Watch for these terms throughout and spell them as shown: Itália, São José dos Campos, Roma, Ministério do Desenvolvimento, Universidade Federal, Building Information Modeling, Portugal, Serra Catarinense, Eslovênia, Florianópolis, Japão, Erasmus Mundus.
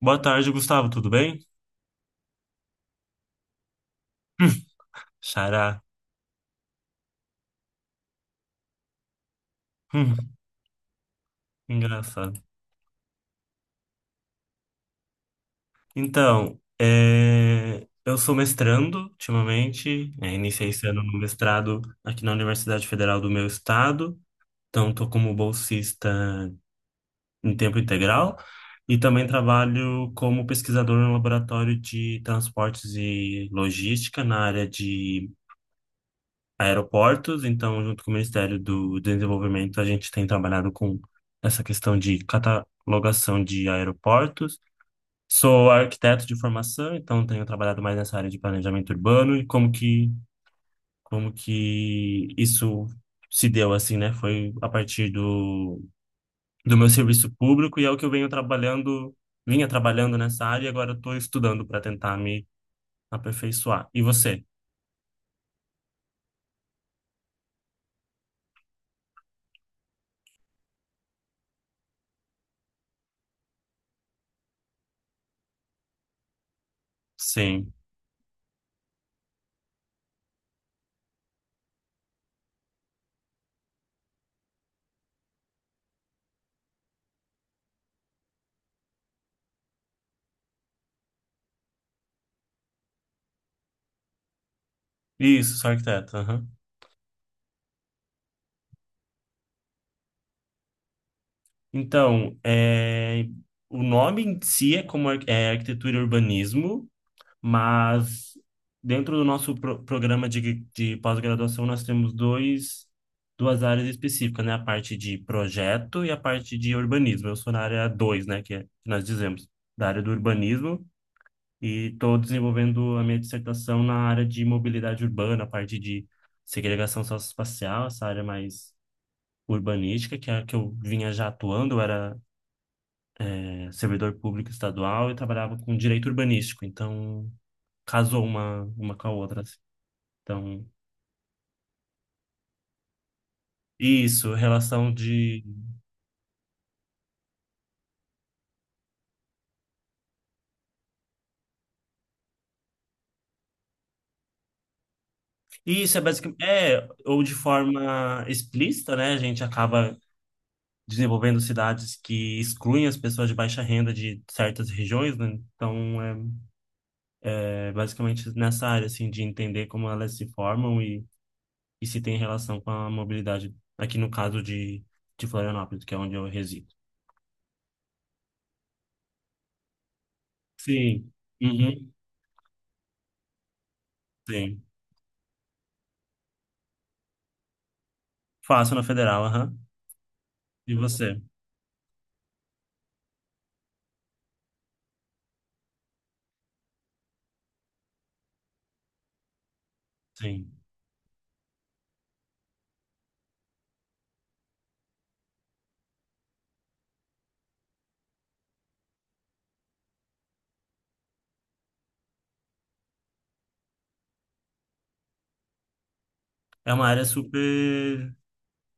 Boa tarde, Gustavo, tudo bem? Hum, Xará. Hum, Engraçado. Então, eu sou mestrando ultimamente, iniciei esse ano no mestrado aqui na Universidade Federal do meu estado, então estou como bolsista em tempo integral e também trabalho como pesquisador no laboratório de transportes e logística na área de aeroportos, então, junto com o Ministério do Desenvolvimento, a gente tem trabalhado com essa questão de catalogação de aeroportos. Sou arquiteto de formação, então tenho trabalhado mais nessa área de planejamento urbano e como que isso se deu assim, né? Foi a partir do meu serviço público e é o que eu venho trabalhando, vinha trabalhando nessa área e agora estou estudando para tentar me aperfeiçoar. E você? Sim. Isso, sou arquiteto. Então, o nome em si é é arquitetura e urbanismo, mas dentro do nosso programa de pós-graduação nós temos dois, duas áreas específicas, né? A parte de projeto e a parte de urbanismo. Eu sou na área dois, né? Que nós dizemos, da área do urbanismo, e estou desenvolvendo a minha dissertação na área de mobilidade urbana, a parte de segregação socioespacial, essa área mais urbanística, que é a que eu vinha já atuando. Eu era servidor público estadual e trabalhava com direito urbanístico, então casou uma com a outra, assim. Então, isso, relação de. Isso é basicamente. É, ou de forma explícita, né? A gente acaba desenvolvendo cidades que excluem as pessoas de baixa renda de certas regiões, né? Então, é basicamente nessa área, assim, de entender como elas se formam e se tem relação com a mobilidade, aqui no caso de Florianópolis, que é onde eu resido. Sim. Uhum. Sim. Faço na federal, aham. E você? Sim. É uma área super,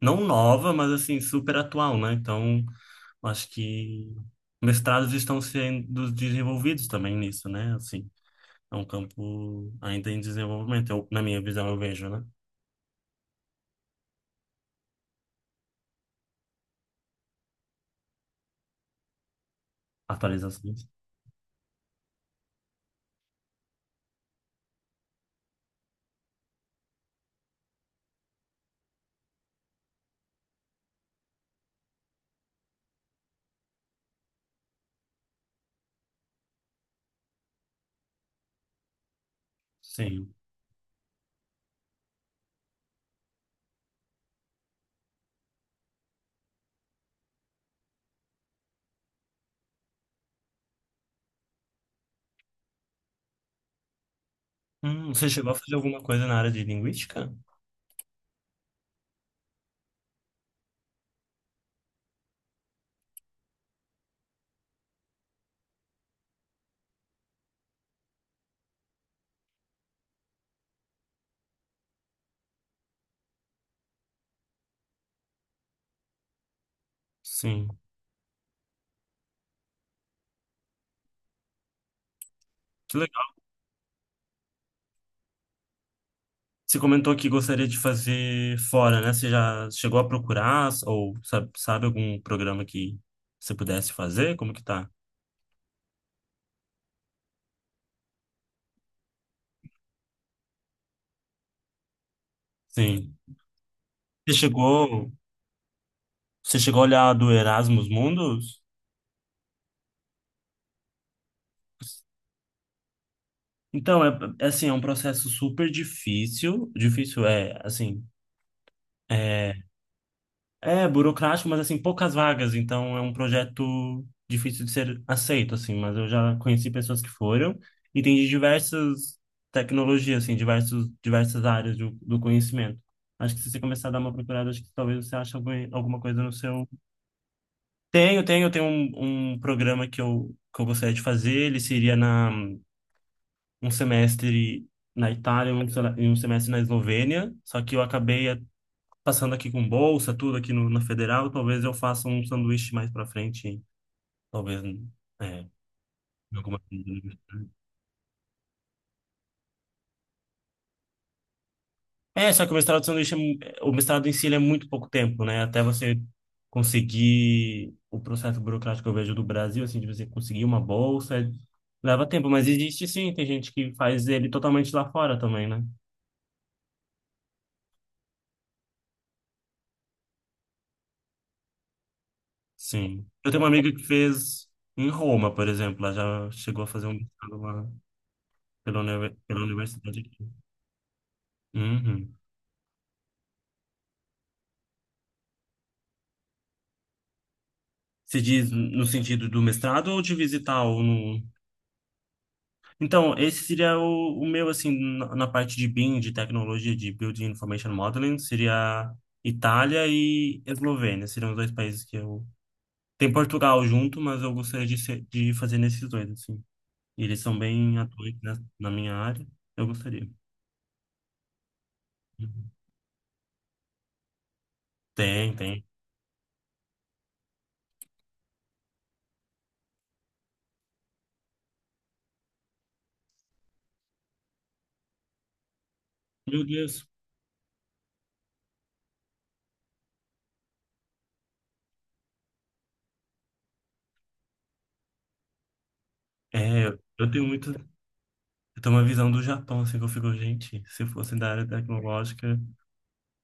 não nova, mas assim, super atual, né? Então, acho que mestrados estão sendo desenvolvidos também nisso, né? Assim, é um campo ainda em desenvolvimento, eu, na minha visão, eu vejo, né? Atualizações. Sim. Você chegou a fazer alguma coisa na área de linguística? Sim. Você comentou que gostaria de fazer fora, né? Você já chegou a procurar ou sabe, sabe algum programa que você pudesse fazer? Como que tá? Sim. Você chegou, você chegou a olhar do Erasmus Mundus? Então, é assim, é um processo super difícil. Difícil é, assim, é É burocrático, mas assim, poucas vagas, então é um projeto difícil de ser aceito, assim, mas eu já conheci pessoas que foram e tem de diversas tecnologias, assim, diversos, diversas áreas do conhecimento. Acho que se você começar a dar uma procurada, acho que talvez você ache algum, alguma coisa no seu. Tenho, tenho, tenho um programa que eu gostaria de fazer, ele seria um semestre na Itália e um semestre na Eslovênia, só que eu acabei passando aqui com bolsa, tudo aqui no, na Federal, talvez eu faça um sanduíche mais pra frente, talvez, é, alguma coisa. É, só que o mestrado de sanduíche, o mestrado em si, ele é muito pouco tempo, né? Até você conseguir o processo burocrático que eu vejo do Brasil, assim, de você conseguir uma bolsa, leva tempo, mas existe sim, tem gente que faz ele totalmente lá fora também, né? Sim. Eu tenho uma amiga que fez em Roma, por exemplo, ela já chegou a fazer um mestrado lá pela universidade aqui. Uhum. Se diz no sentido do mestrado ou de visitar ou no. Então, esse seria o meu, assim, na parte de BIM, de tecnologia de Building Information Modeling, seria Itália e Eslovênia, seriam os dois países que eu. Tem Portugal junto, mas eu gostaria de fazer nesses dois, assim. E eles são bem atuantes na minha área, eu gostaria. Uhum. Tem, tem. Meu Deus. É, eu tenho muito. Eu tenho uma visão do Japão, assim, que eu fico, gente, se fosse da área tecnológica.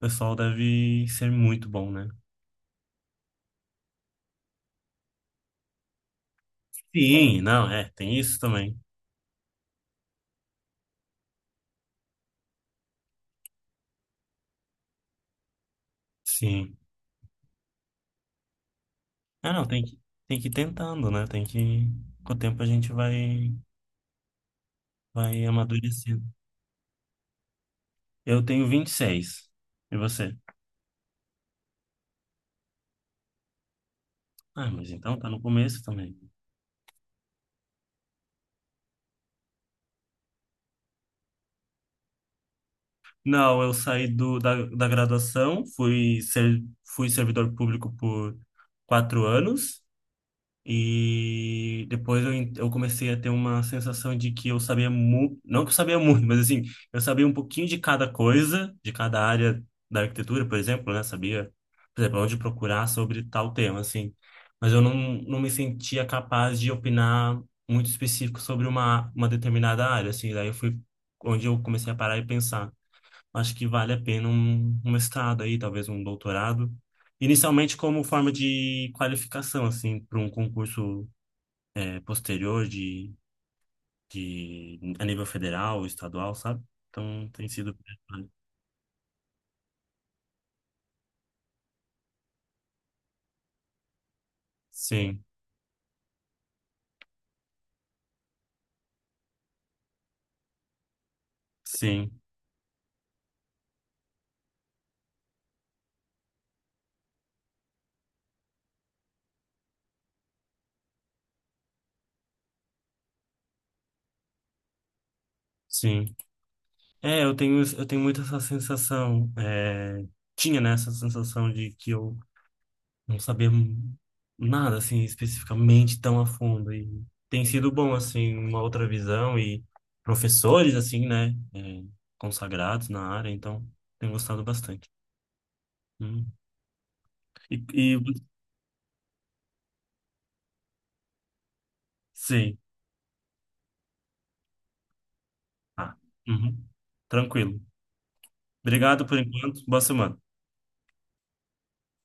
O pessoal deve ser muito bom, né? Sim, não, é, tem isso também. Sim. Ah, não, tem que ir tentando, né? Tem que. Com o tempo a gente vai amadurecendo. Eu tenho 26. E você? Ah, mas então tá no começo também. Não, eu saí da graduação, fui servidor público por 4 anos. E depois eu comecei a ter uma sensação de que eu sabia muito, não que eu sabia muito, mas assim, eu sabia um pouquinho de cada coisa, de cada área da arquitetura, por exemplo, né? Sabia, por exemplo, onde procurar sobre tal tema, assim. Mas eu não, não me sentia capaz de opinar muito específico sobre uma determinada área, assim. Daí eu fui onde eu comecei a parar e pensar, acho que vale a pena um mestrado aí, talvez um doutorado. Inicialmente como forma de qualificação, assim, para um concurso posterior de a nível federal, estadual, sabe? Então tem sido. Sim, sim, sim. É, eu tenho muito essa sensação. Tinha, né, essa sensação de que eu não saber nada assim especificamente tão a fundo e tem sido bom assim uma outra visão e professores assim, né, consagrados na área, então tenho gostado bastante. Hum. E sim, ah, uhum. Tranquilo, obrigado por enquanto. Boa semana.